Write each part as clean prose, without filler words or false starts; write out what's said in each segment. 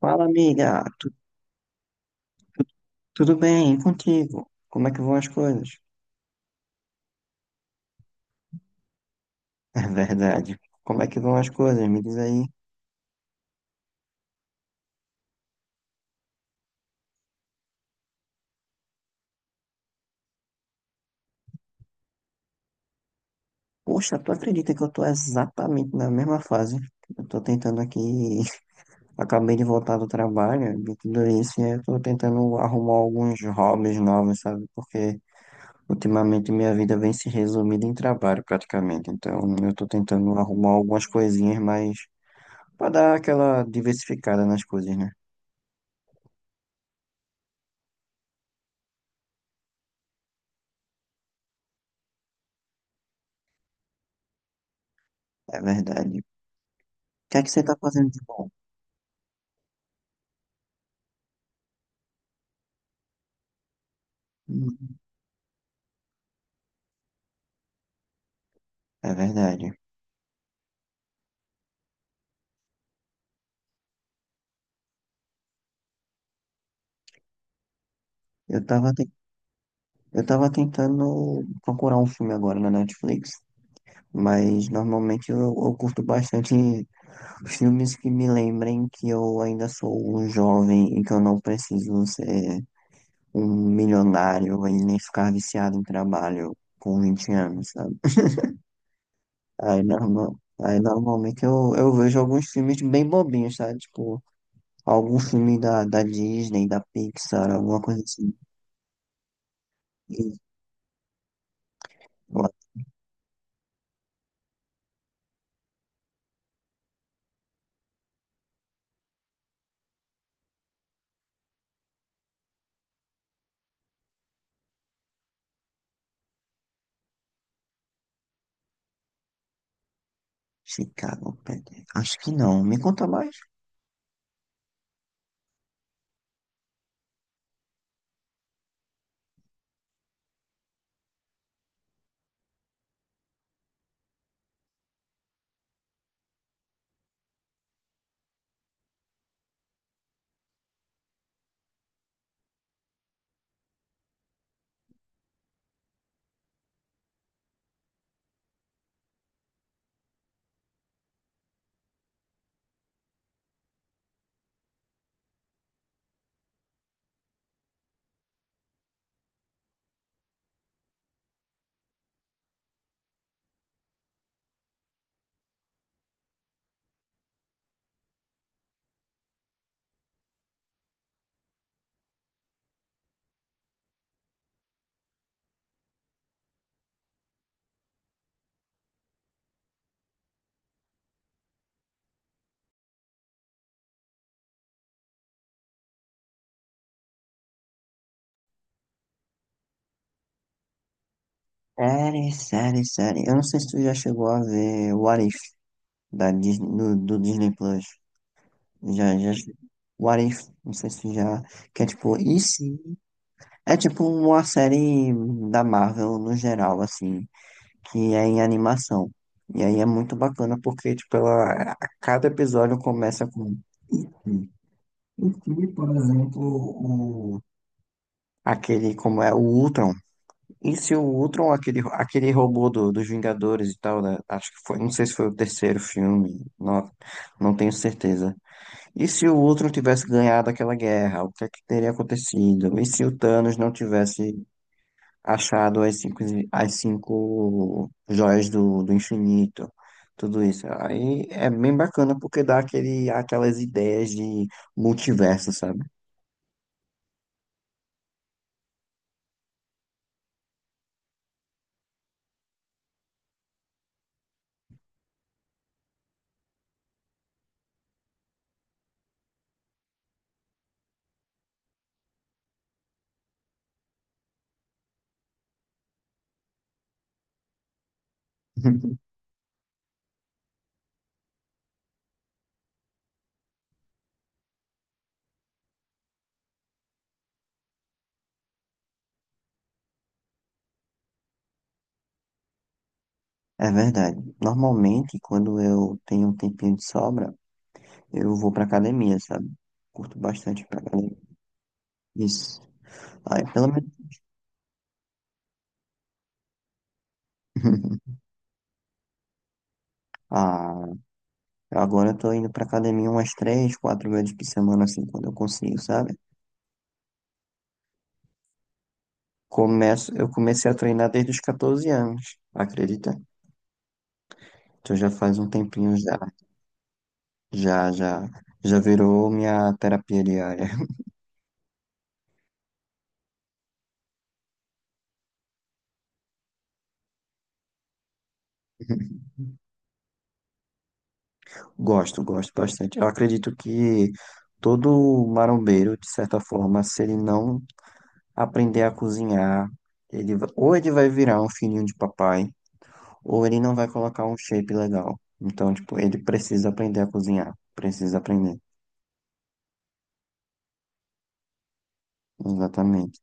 Fala, amiga. Tudo bem? E contigo? Como é que vão as coisas? É verdade. Como é que vão as coisas? Me diz aí. Poxa, tu acredita que eu tô exatamente na mesma fase? Eu tô tentando aqui. Acabei de voltar do trabalho, de tudo isso, e eu tô tentando arrumar alguns hobbies novos, sabe? Porque ultimamente minha vida vem se resumindo em trabalho, praticamente. Então, eu tô tentando arrumar algumas coisinhas mais pra dar aquela diversificada nas coisas, né? É verdade. O que é que você tá fazendo de bom? Uhum. É verdade. Eu tava, te- eu tava tentando procurar um filme agora na Netflix, mas normalmente eu curto bastante filmes que me lembrem que eu ainda sou um jovem e que eu não preciso ser um milionário e nem ficar viciado em trabalho com 20 anos, sabe? Aí normalmente eu vejo alguns filmes bem bobinhos, sabe? Tipo, algum filme da Disney, da Pixar, alguma coisa assim. Chicago Bad. Acho que não. Me conta mais. Série, série, série. Eu não sei se tu já chegou a ver What If da Disney, do Disney Plus. Já, já. What If? Não sei se tu já. Que é tipo, e se? É tipo uma série da Marvel no geral, assim, que é em animação. E aí é muito bacana porque, tipo, ela, a cada episódio começa com. E se? E se, por exemplo, o, aquele, como é, o Ultron. E se o Ultron, aquele robô dos Vingadores e tal, né? Acho que foi, não sei se foi o terceiro filme, não, não tenho certeza. E se o Ultron tivesse ganhado aquela guerra, o que é que teria acontecido? E se o Thanos não tivesse achado as cinco joias do infinito? Tudo isso. Aí é bem bacana porque dá aquele, aquelas ideias de multiverso, sabe? É verdade. Normalmente, quando eu tenho um tempinho de sobra, eu vou pra academia, sabe? Curto bastante ir pra academia. Isso. Aí, pelo menos. Ah, agora eu tô indo pra academia umas três, quatro vezes por semana, assim, quando eu consigo, sabe? Eu comecei a treinar desde os 14 anos, acredita? Então já faz um tempinho já. Já, já. Já virou minha terapia diária. Gosto, gosto bastante. Eu acredito que todo marombeiro, de certa forma, se ele não aprender a cozinhar. Ele, ou ele vai virar um filhinho de papai, ou ele não vai colocar um shape legal. Então, tipo, ele precisa aprender a cozinhar. Precisa aprender. Exatamente.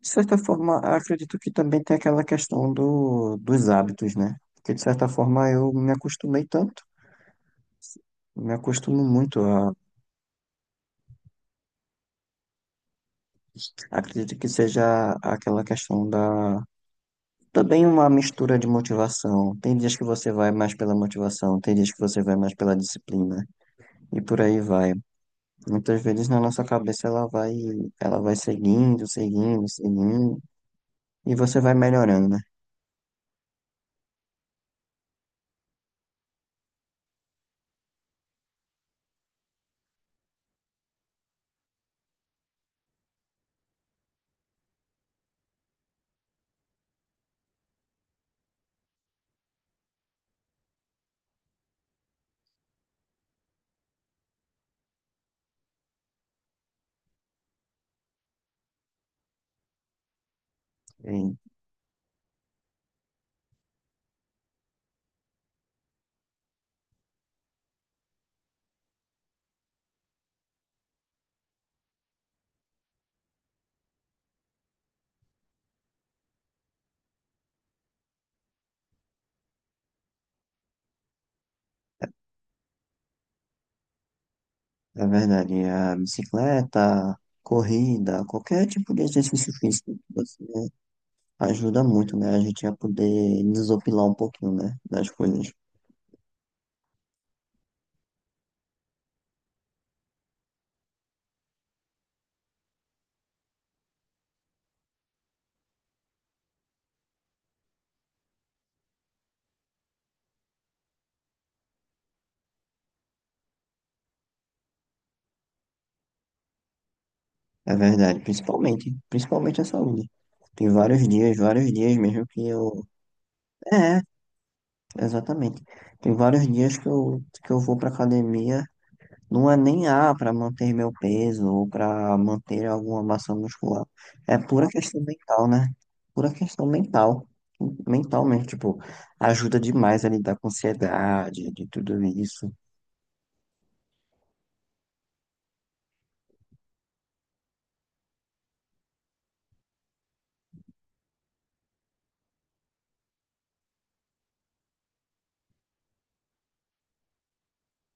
De certa forma, acredito que também tem aquela questão dos hábitos, né? Porque, de certa forma, eu me acostumei tanto. Me acostumo muito a. Acredito que seja aquela questão da. Também uma mistura de motivação. Tem dias que você vai mais pela motivação, tem dias que você vai mais pela disciplina. E por aí vai. Muitas vezes na nossa cabeça ela vai seguindo, seguindo, seguindo, e você vai melhorando, né? E, é verdade, a bicicleta, corrida, qualquer tipo de exercício físico, você ajuda muito, né? A gente a poder desopilar um pouquinho, né? Das coisas. É verdade, principalmente, principalmente a saúde. Tem vários dias mesmo que eu. É, exatamente. Tem vários dias que eu vou pra academia. Não é nem A para manter meu peso ou para manter alguma massa muscular. É pura questão mental, né? Pura questão mental. Mentalmente, tipo, ajuda demais a lidar com ansiedade, de tudo isso.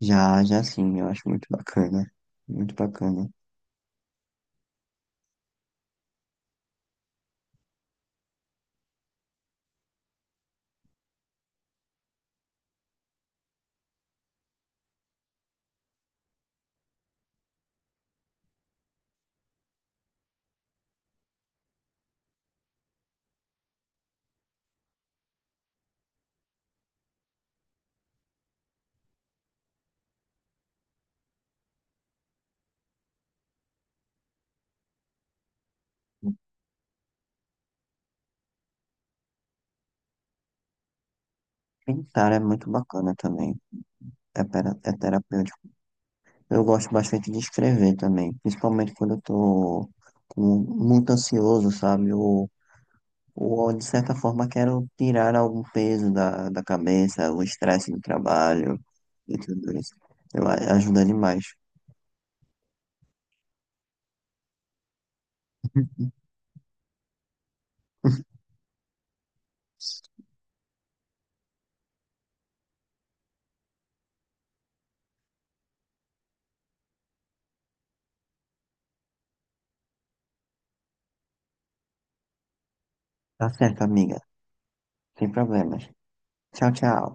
Já, já sim, eu acho muito bacana. Muito bacana. Pintar é muito bacana também. É, é terapêutico. Eu gosto bastante de escrever também, principalmente quando eu tô muito ansioso, sabe? Ou, de certa forma, quero tirar algum peso da, da cabeça, o estresse do trabalho e tudo isso. Eu, ajuda demais. Tá certo, amiga. Sem problemas. Tchau, tchau.